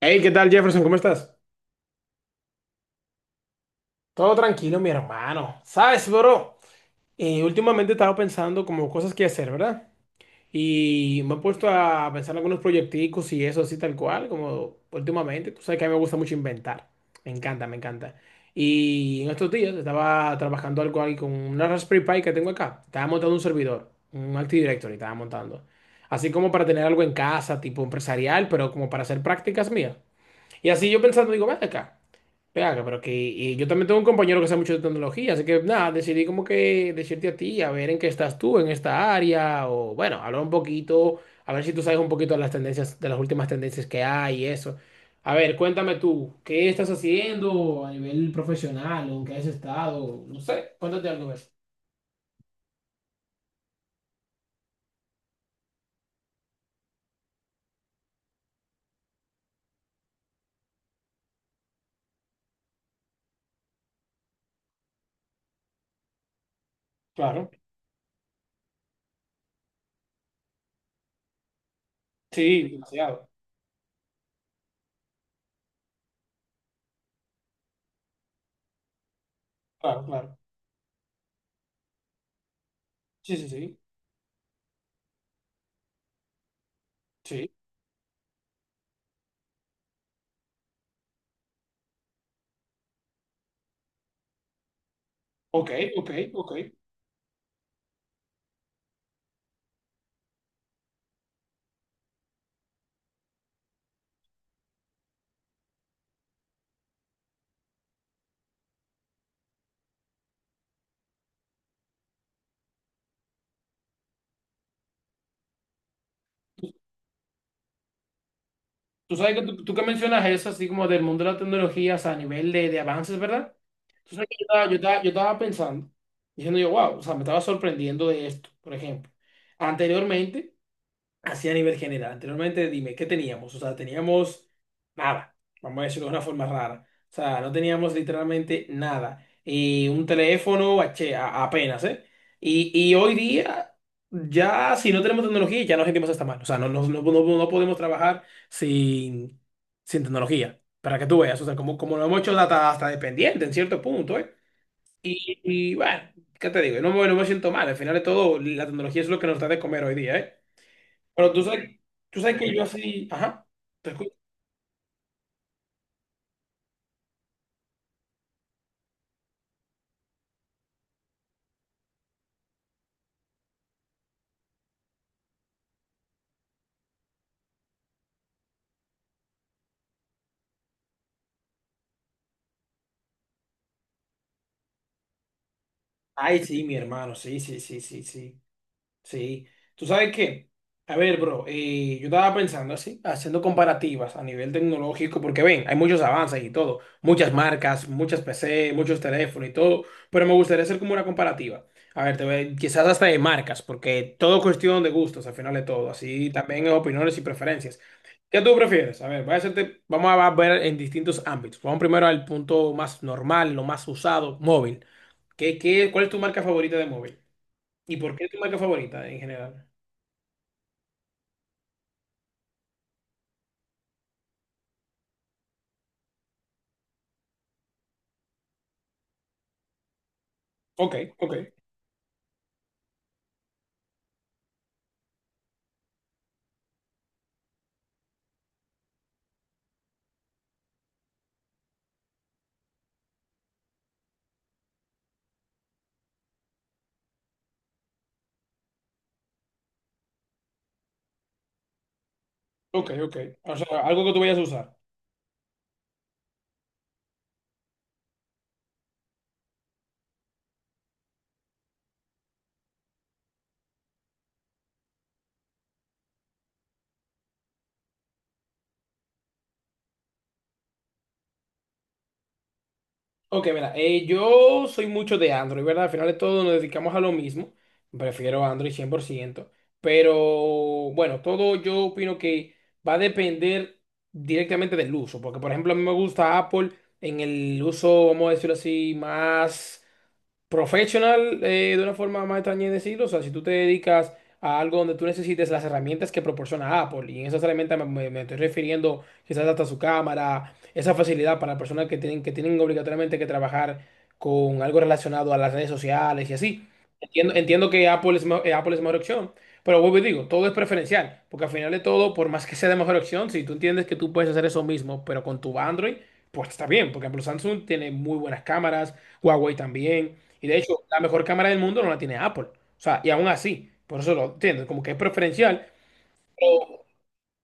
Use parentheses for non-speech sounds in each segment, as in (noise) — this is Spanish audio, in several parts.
Hey, ¿qué tal, Jefferson? ¿Cómo estás? Todo tranquilo, mi hermano. ¿Sabes, bro? Últimamente he estado pensando como cosas que hacer, ¿verdad? Y me he puesto a pensar en algunos proyecticos y eso así tal cual, como últimamente. Tú sabes que a mí me gusta mucho inventar. Me encanta, me encanta. Y en estos días estaba trabajando algo ahí con una Raspberry Pi que tengo acá. Estaba montando un servidor, un Active Directory estaba montando. Así como para tener algo en casa, tipo empresarial, pero como para hacer prácticas mías. Y así yo pensando, digo, ven acá, pero que y yo también tengo un compañero que sabe mucho de tecnología, así que nada, decidí como que decirte a ti, a ver en qué estás tú en esta área, o bueno, hablar un poquito, a ver si tú sabes un poquito de las tendencias, de las últimas tendencias que hay y eso. A ver, cuéntame tú, ¿qué estás haciendo a nivel profesional, o en qué has estado? No sé, cuéntate algo de eso. Claro, sí, demasiado. Claro, claro. Sí, sí, sí. Sí. Ok, ok, ok. Tú sabes que tú que mencionas eso, así como del mundo de las tecnologías a nivel de avances, ¿verdad? Tú sabes que yo estaba pensando, diciendo yo, wow, o sea, me estaba sorprendiendo de esto, por ejemplo. Anteriormente, así a nivel general. Anteriormente, dime, ¿qué teníamos? O sea, teníamos nada. Vamos a decirlo de una forma rara. O sea, no teníamos literalmente nada. Y un teléfono apenas, ¿eh? Y hoy día, ya si no tenemos tecnología, ya nos sentimos hasta mal. O sea, no podemos trabajar sin, sin tecnología. Para que tú veas, o sea, como, como lo hemos hecho hasta, hasta dependiente en cierto punto, ¿eh? Y bueno, ¿qué te digo? Yo no me siento mal. Al final de todo, la tecnología es lo que nos da de comer hoy día, ¿eh? Pero tú sabes que yo así, ajá, te escucho. Ay, sí, mi hermano, sí, sí, sí, sí, sí. Sí, tú sabes que, a ver, bro, yo estaba pensando así, haciendo comparativas a nivel tecnológico, porque ven, hay muchos avances y todo, muchas marcas, muchas PC, muchos teléfonos y todo, pero me gustaría hacer como una comparativa. A ver, quizás hasta de marcas, porque todo cuestión de gustos, al final de todo, así también es opiniones y preferencias. ¿Qué tú prefieres? A ver, voy a hacerte, vamos a ver en distintos ámbitos. Vamos primero al punto más normal, lo más usado, móvil. ¿ cuál es tu marca favorita de móvil? ¿Y por qué es tu marca favorita en general? Ok, ok, ok, ok. O sea, algo que tú vayas a usar. Ok, mira, yo soy mucho de Android, ¿verdad? Al final de todo nos dedicamos a lo mismo. Prefiero Android 100%. Pero bueno, todo yo opino que va a depender directamente del uso. Porque, por ejemplo, a mí me gusta Apple en el uso, vamos a decirlo así, más. Professional, de una forma más extraña de decirlo, o sea, si tú te dedicas a algo donde tú necesites las herramientas que proporciona Apple, y en esas herramientas me estoy refiriendo quizás hasta su cámara, esa facilidad para personas que tienen obligatoriamente que trabajar con algo relacionado a las redes sociales y así. Entiendo, entiendo que Apple es mejor opción, pero vuelvo y digo, todo es preferencial, porque al final de todo, por más que sea de mejor opción, si tú entiendes que tú puedes hacer eso mismo, pero con tu Android, pues está bien, porque por ejemplo Samsung tiene muy buenas cámaras, Huawei también. Y de hecho, la mejor cámara del mundo no la tiene Apple. O sea, y aún así, por eso lo entiendo, como que es preferencial. Pero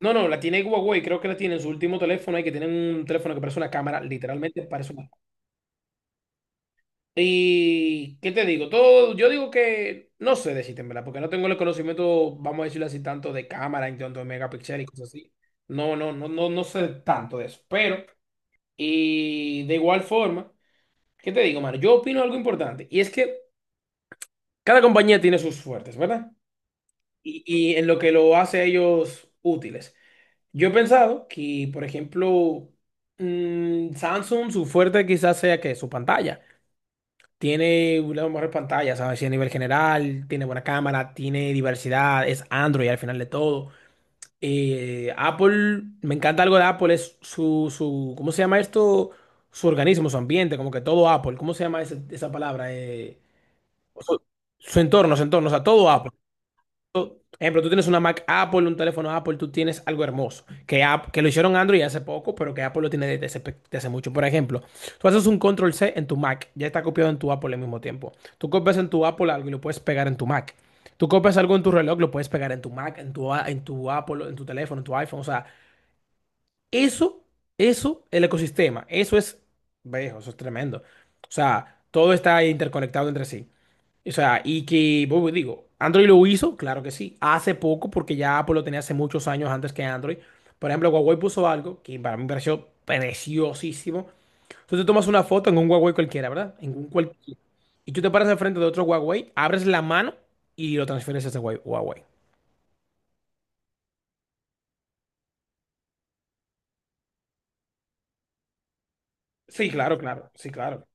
no, no, la tiene Huawei, creo que la tiene en su último teléfono y que tienen un teléfono que parece una cámara, literalmente parece una. Y, ¿qué te digo? Todo, yo digo que no sé decirte, en verdad, porque no tengo el conocimiento, vamos a decirlo así, tanto de cámara, en tanto de megapíxeles y cosas así. No sé tanto de eso. Pero, y de igual forma, ¿qué te digo, mano? Yo opino algo importante, y es que cada compañía tiene sus fuertes, ¿verdad? Y en lo que lo hace a ellos útiles. Yo he pensado que, por ejemplo, Samsung, su fuerte quizás sea que su pantalla. Tiene una mejor pantalla, ¿sabes? Sí, a nivel general, tiene buena cámara, tiene diversidad, es Android al final de todo. Apple, me encanta algo de Apple, es ¿cómo se llama esto? Su organismo, su ambiente, como que todo Apple, ¿cómo se llama esa palabra? Su, su entorno, o sea, todo Apple. Por ejemplo, tú tienes una Mac Apple, un teléfono Apple, tú tienes algo hermoso, que, que lo hicieron Android hace poco, pero que Apple lo tiene desde hace, desde hace mucho. Por ejemplo, tú haces un Control C en tu Mac, ya está copiado en tu Apple al mismo tiempo. Tú copias en tu Apple algo y lo puedes pegar en tu Mac. Tú copias algo en tu reloj, lo puedes pegar en tu Mac, en en tu Apple, en tu teléfono, en tu iPhone. O sea, eso, eso, el ecosistema, eso es, viejo, eso es tremendo. O sea, todo está interconectado entre sí. O sea, y que, bueno, digo, Android lo hizo, claro que sí, hace poco, porque ya Apple lo tenía hace muchos años antes que Android. Por ejemplo, Huawei puso algo que para mí me pareció preciosísimo. Tú te tomas una foto en un Huawei cualquiera, ¿verdad? En un cualquiera. Y tú te paras enfrente de otro Huawei, abres la mano y lo transfieres a ese Huawei. Huawei. Sí, claro, claro, sí, claro.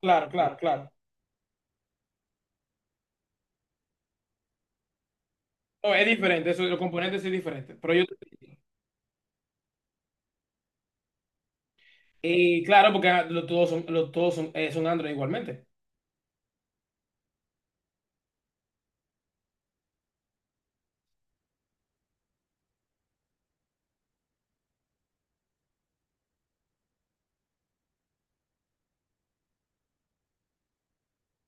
Claro, claro, claro. No, es diferente, eso, los componentes sí es diferente. Pero yo... Y claro, porque ah, todos son, todos son, son Android igualmente.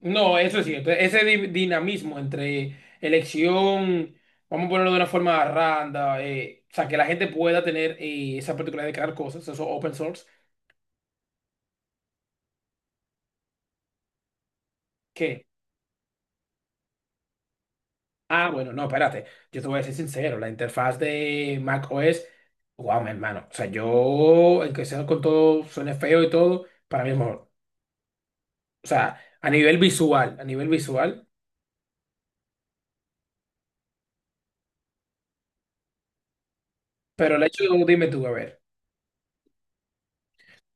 No, eso es cierto. Ese dinamismo entre elección, vamos a ponerlo de una forma randa, o sea, que la gente pueda tener esa particularidad de crear cosas, eso open source, que, ah, bueno, no, espérate, yo te voy a ser sincero, la interfaz de Mac OS, wow, mi hermano, o sea, yo, aunque sea con todo, suene feo y todo, para mí es mejor. O sea, a nivel visual, pero el hecho de, dime tú, a ver.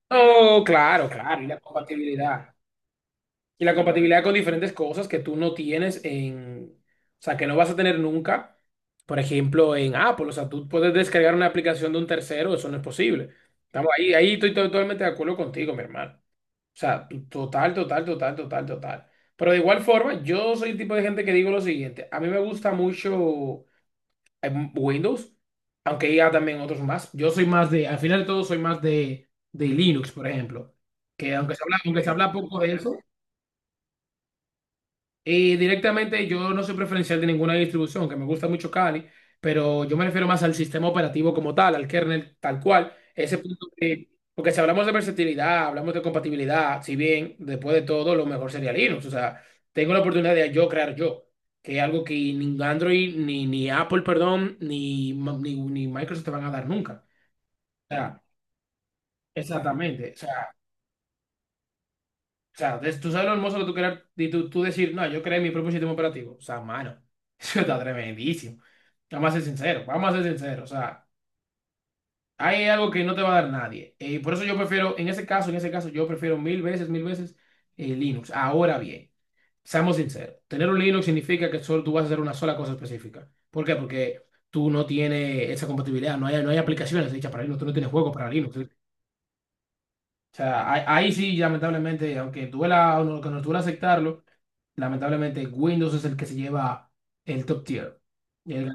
Oh, claro, claro, y la compatibilidad. Y la compatibilidad con diferentes cosas que tú no tienes en, o sea, que no vas a tener nunca. Por ejemplo, en Apple, o sea, tú puedes descargar una aplicación de un tercero, eso no es posible. Estamos ahí, ahí estoy totalmente de acuerdo contigo, mi hermano. O sea, total, total, total, total, total. Pero de igual forma, yo soy el tipo de gente que digo lo siguiente, a mí me gusta mucho Windows, aunque hay también otros más. Yo soy más de, al final de todo, de Linux, por ejemplo, que aunque se habla poco de eso. Y directamente yo no soy preferencial de ninguna distribución, que me gusta mucho Kali, pero yo me refiero más al sistema operativo como tal, al kernel tal cual. Ese punto que, porque si hablamos de versatilidad, hablamos de compatibilidad, si bien después de todo lo mejor sería Linux, o sea, tengo la oportunidad de yo crear yo, que es algo que ni Android, ni Apple, perdón, ni Microsoft te van a dar nunca. O sea, exactamente. O sea, o sea, tú sabes lo hermoso que tú crear y tú decir, no, yo creé mi propio sistema operativo. O sea, mano, (laughs) eso está tremendísimo. Vamos a ser sinceros, vamos a ser sinceros. O sea, hay algo que no te va a dar nadie. Y por eso yo prefiero, en ese caso, yo prefiero mil veces Linux. Ahora bien, seamos sinceros, tener un Linux significa que solo tú vas a hacer una sola cosa específica. ¿Por qué? Porque tú no tienes esa compatibilidad, no hay aplicaciones hechas para Linux, tú no tienes juegos para Linux. O sea, ahí, ahí sí, lamentablemente, aunque duela o no, que nos duela aceptarlo, lamentablemente Windows es el que se lleva el top tier. Y el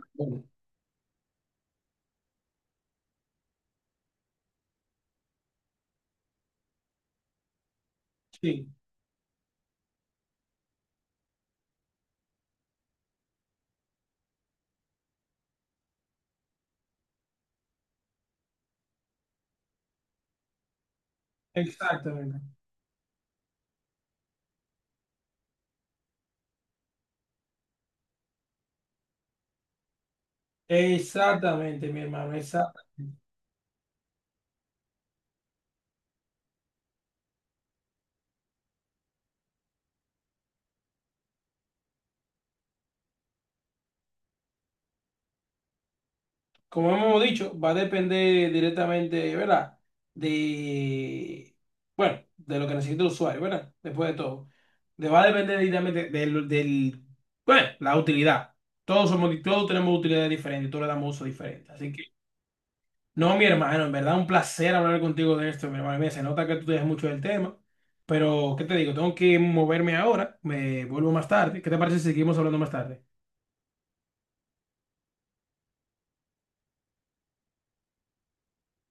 sí, exactamente. Exactamente, mi hermano, exactamente. Como hemos dicho, va a depender directamente, ¿verdad? De, bueno, de lo que necesite el usuario, ¿verdad? Después de todo. Va a depender directamente del, bueno, la utilidad. Todos somos, todos tenemos utilidades diferentes, todos le damos uso diferente. Así que no, mi hermano, en verdad un placer hablar contigo de esto, mi hermano. Mira, se nota que tú te des mucho del tema, pero ¿qué te digo? Tengo que moverme ahora, me vuelvo más tarde. ¿Qué te parece si seguimos hablando más tarde?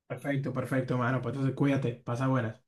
Perfecto, perfecto, hermano. Pues entonces cuídate, pasa buenas.